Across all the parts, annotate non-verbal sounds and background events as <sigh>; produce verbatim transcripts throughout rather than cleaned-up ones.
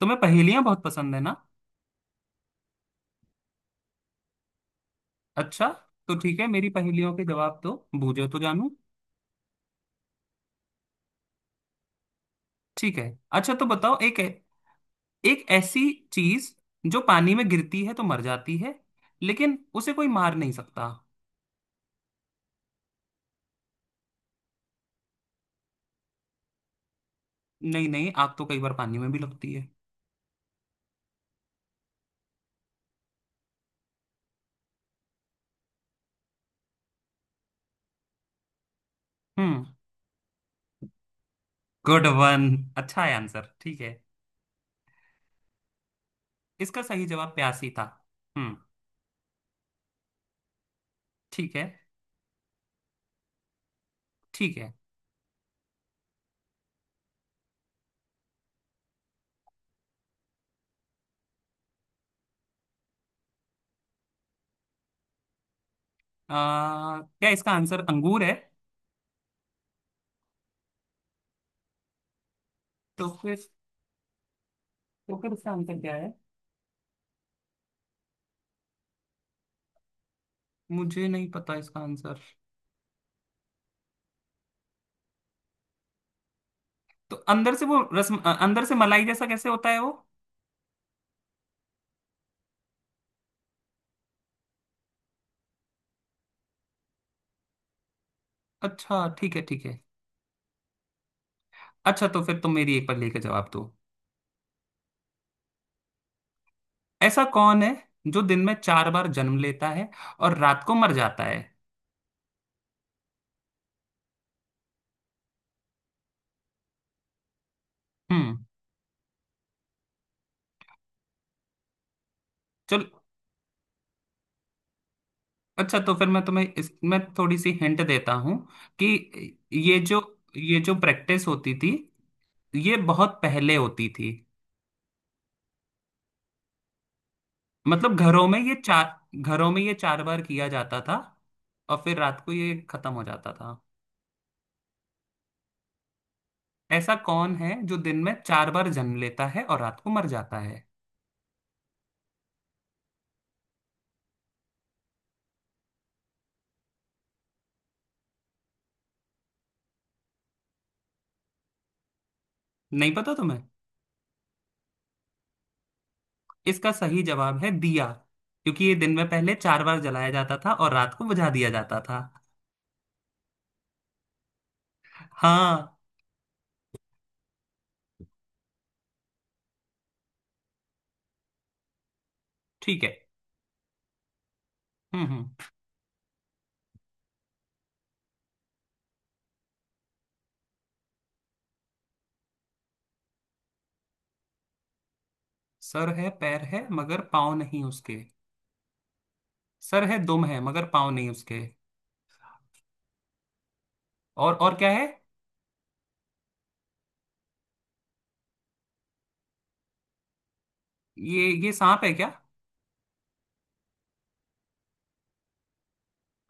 तुम्हें पहेलियां बहुत पसंद है ना। अच्छा। तो ठीक है, मेरी पहेलियों के जवाब तो बूझो तो जानू। ठीक है। अच्छा तो बताओ, एक एक ऐसी चीज जो पानी में गिरती है तो मर जाती है, लेकिन उसे कोई मार नहीं सकता। नहीं नहीं, आग तो कई बार पानी में भी लगती है। हम्म। गुड वन, अच्छा है आंसर, ठीक है। इसका सही जवाब प्यासी था। हम्म। ठीक है ठीक है। आ, क्या इसका आंसर अंगूर है? तो फिर तो फिर इसका आंसर क्या है? मुझे नहीं पता इसका आंसर। तो अंदर से वो रस, अंदर से मलाई जैसा कैसे होता है वो? अच्छा ठीक है ठीक है। अच्छा तो फिर तुम मेरी एक पहेली का जवाब दो। ऐसा कौन है जो दिन में चार बार जन्म लेता है और रात को मर जाता है? हम्म। चल, अच्छा तो फिर मैं तुम्हें इसमें थोड़ी सी हिंट देता हूँ कि ये जो ये जो प्रैक्टिस होती थी, ये बहुत पहले होती थी। मतलब घरों में ये चार घरों में ये चार बार किया जाता था और फिर रात को ये खत्म हो जाता था। ऐसा कौन है जो दिन में चार बार जन्म लेता है और रात को मर जाता है? नहीं पता तुम्हें? इसका सही जवाब है दिया, क्योंकि ये दिन में पहले चार बार जलाया जाता था और रात को बुझा दिया जाता था। हाँ। ठीक है। हम्म हम्म। सर है, पैर है, मगर पाँव नहीं उसके। सर है, दुम है, मगर पाँव नहीं उसके। और और क्या है? ये ये सांप है क्या?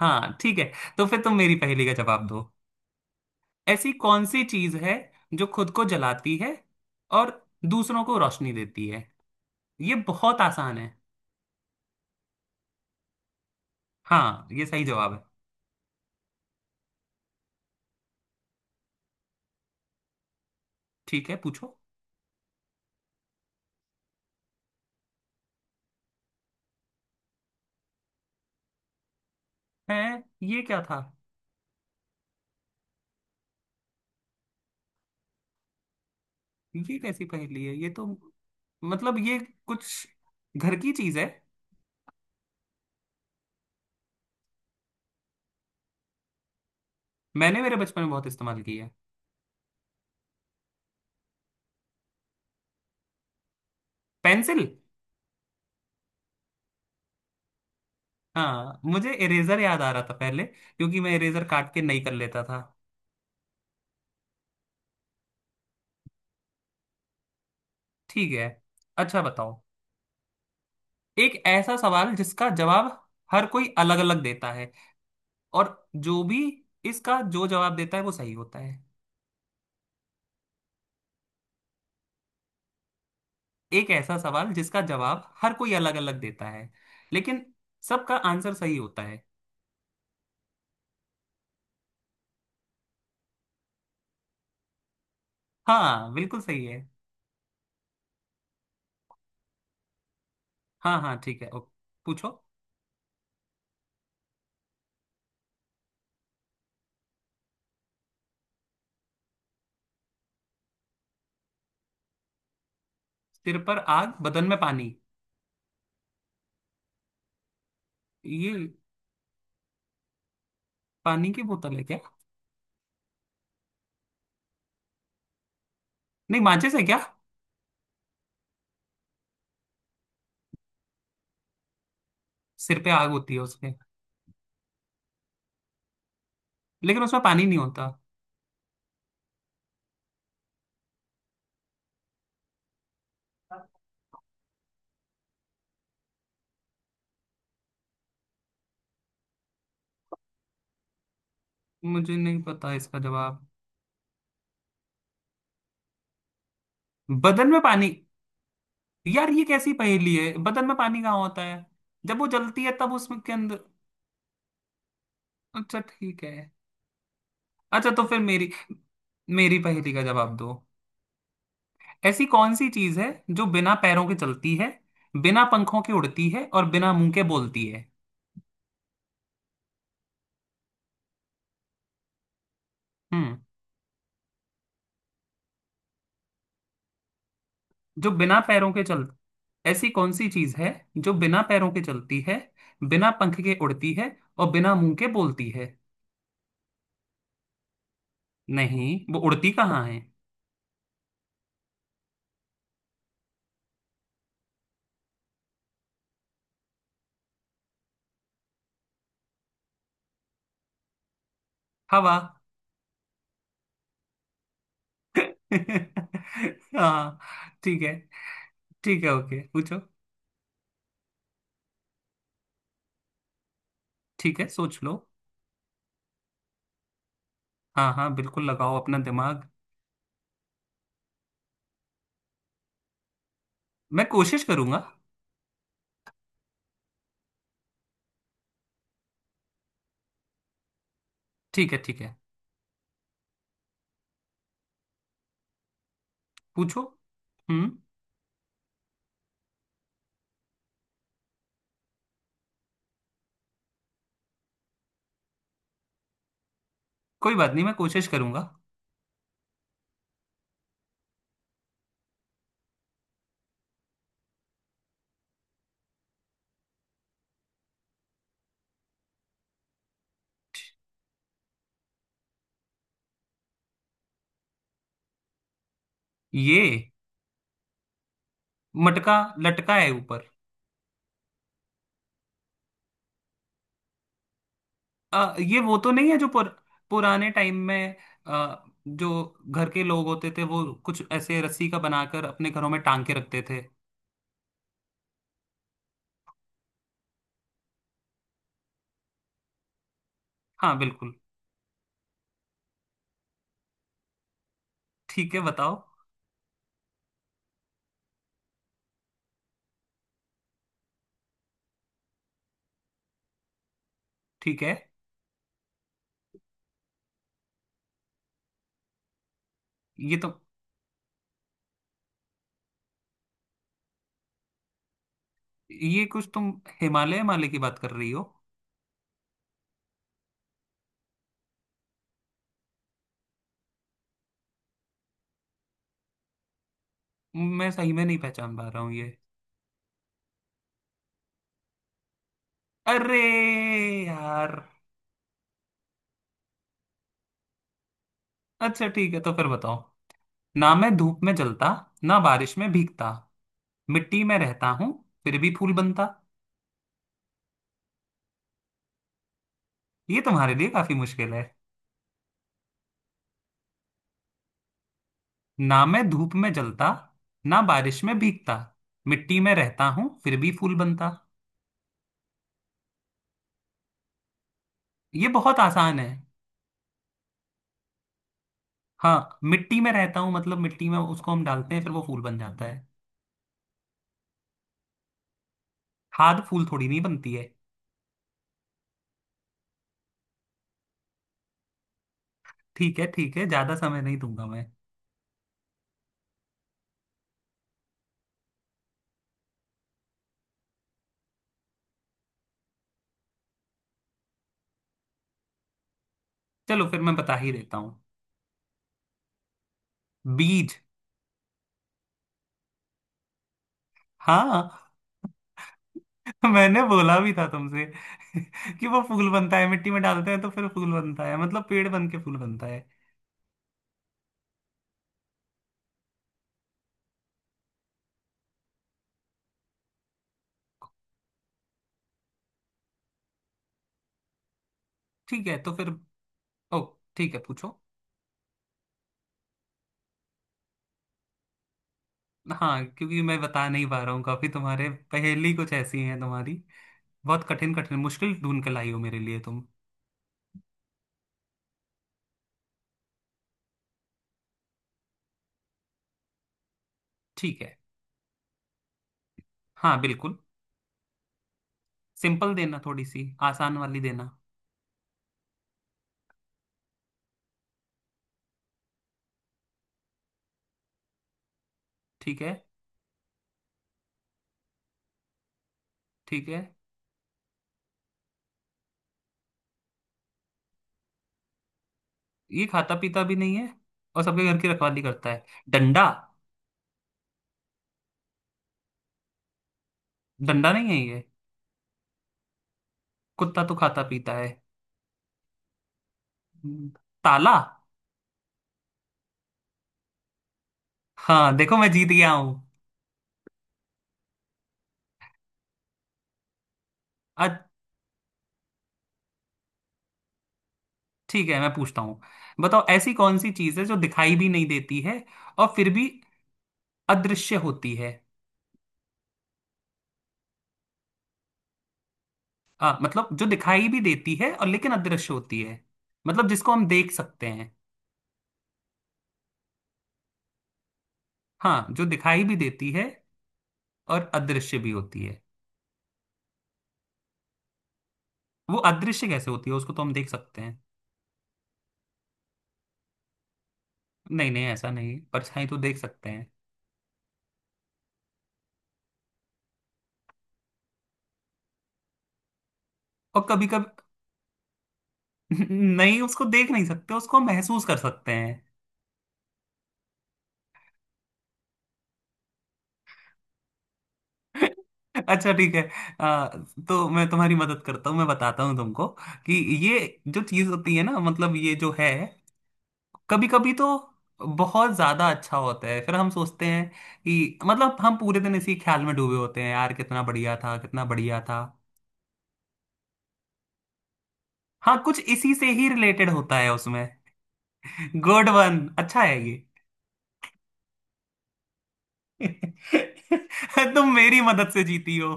हाँ ठीक है। तो फिर तुम मेरी पहेली का जवाब दो। ऐसी कौन सी चीज है जो खुद को जलाती है और दूसरों को रोशनी देती है? ये बहुत आसान है। हाँ ये सही जवाब है। ठीक है पूछो। है? ये क्या था? ये कैसी पहेली है ये तो! मतलब ये कुछ घर की चीज है। मैंने मेरे बचपन में बहुत इस्तेमाल की है। पेंसिल। हाँ, मुझे इरेजर याद आ रहा था पहले, क्योंकि मैं इरेजर काट के नहीं कर लेता था। ठीक है। अच्छा बताओ, एक ऐसा सवाल जिसका जवाब हर कोई अलग अलग देता है, और जो भी इसका जो जवाब देता है वो सही होता है। एक ऐसा सवाल जिसका जवाब हर कोई अलग अलग देता है, लेकिन सबका आंसर सही होता है। हाँ बिल्कुल सही है। हाँ हाँ ठीक है, ओके पूछो। सिर पर आग, बदन में पानी। ये पानी की बोतल है क्या? नहीं माचिस है क्या? सिर पे आग होती है उसमें, लेकिन उसमें पानी नहीं होता। मुझे नहीं पता इसका जवाब। बदन में पानी? यार ये कैसी पहेली है, बदन में पानी कहाँ होता है? जब वो जलती है तब उसमें के अंदर। अच्छा ठीक है। अच्छा तो फिर मेरी, मेरी पहेली का जवाब दो। ऐसी कौन सी चीज है जो बिना पैरों के चलती है, बिना पंखों के उड़ती है और बिना मुंह के बोलती है? हम्म। जो बिना पैरों के चल, ऐसी कौन सी चीज है जो बिना पैरों के चलती है, बिना पंख के उड़ती है और बिना मुंह के बोलती है? नहीं, वो उड़ती कहाँ है? हवा। <laughs> हाँ। ठीक है ठीक है, ओके पूछो। ठीक है सोच लो। हाँ हाँ बिल्कुल लगाओ अपना दिमाग। मैं कोशिश करूंगा। ठीक है ठीक है पूछो। हम्म। कोई बात नहीं, मैं कोशिश करूंगा। ये मटका लटका है ऊपर। अ, ये वो तो नहीं है जो पुर, पुराने टाइम में, अ, जो घर के लोग होते थे वो कुछ ऐसे रस्सी का बनाकर अपने घरों में टांग के रखते थे? हाँ बिल्कुल। ठीक है बताओ। ठीक है। ये तो, ये कुछ तुम हिमालय हिमालय की बात कर रही हो? मैं सही में नहीं पहचान पा रहा हूँ ये। अरे यार! अच्छा ठीक है तो फिर बताओ। ना मैं धूप में जलता, ना बारिश में भीगता, मिट्टी में रहता हूँ, फिर भी फूल बनता। ये तुम्हारे लिए काफी मुश्किल है। ना मैं धूप में जलता, ना बारिश में भीगता, मिट्टी में रहता हूँ, फिर भी फूल बनता। ये बहुत आसान है। हाँ, मिट्टी में रहता हूँ मतलब मिट्टी में उसको हम डालते हैं, फिर वो फूल बन जाता है। खाद फूल थोड़ी नहीं बनती है। ठीक है ठीक है, ज्यादा समय नहीं दूंगा मैं। चलो फिर मैं बता ही देता हूँ। बीज। हाँ। <laughs> मैंने बोला भी था तुमसे <laughs> कि वो फूल बनता है, मिट्टी में डालते हैं तो फिर फूल बनता है, मतलब पेड़ बन के फूल बनता है। ठीक है तो फिर। ओ ठीक है पूछो। हाँ, क्योंकि मैं बता नहीं पा रहा हूँ काफी, तुम्हारे पहेली कुछ ऐसी हैं तुम्हारी, बहुत कठिन कठिन मुश्किल ढूंढ कर लाई हो मेरे लिए तुम। ठीक है। हाँ बिल्कुल। सिंपल देना, थोड़ी सी आसान वाली देना। ठीक है। ठीक है। ये खाता पीता भी नहीं है और सबके घर की रखवाली करता है। डंडा। डंडा नहीं है ये? कुत्ता तो खाता पीता है। हम्म, ताला। हाँ देखो मैं जीत गया हूँ। अच्छा ठीक है, मैं पूछता हूँ। बताओ ऐसी कौन सी चीज़ है जो दिखाई भी नहीं देती है और फिर भी अदृश्य होती है? हाँ, मतलब जो दिखाई भी देती है और लेकिन अदृश्य होती है। मतलब जिसको हम देख सकते हैं। हाँ, जो दिखाई भी देती है और अदृश्य भी होती है। वो अदृश्य कैसे होती है, उसको तो हम देख सकते हैं। नहीं नहीं ऐसा नहीं, परछाई तो देख सकते हैं। और कभी कभी। <laughs> नहीं, उसको देख नहीं सकते, उसको हम महसूस कर सकते हैं। <laughs> अच्छा ठीक है। आ, तो मैं तुम्हारी मदद करता हूँ, मैं बताता हूँ तुमको कि ये जो चीज होती है ना, मतलब ये जो है, कभी कभी तो बहुत ज्यादा अच्छा होता है, फिर हम सोचते हैं कि मतलब हम पूरे दिन इसी ख्याल में डूबे होते हैं, यार कितना बढ़िया था, कितना बढ़िया था। हाँ, कुछ इसी से ही रिलेटेड होता है उसमें। गुड वन, अच्छा है ये। <laughs> तुम मेरी मदद से जीती हो।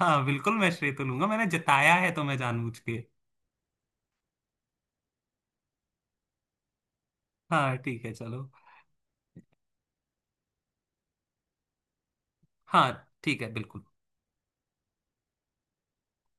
हाँ बिल्कुल, मैं श्रेय तो लूंगा, मैंने जिताया है तुम्हें जानबूझ के। हाँ ठीक है चलो। हाँ ठीक है बिल्कुल।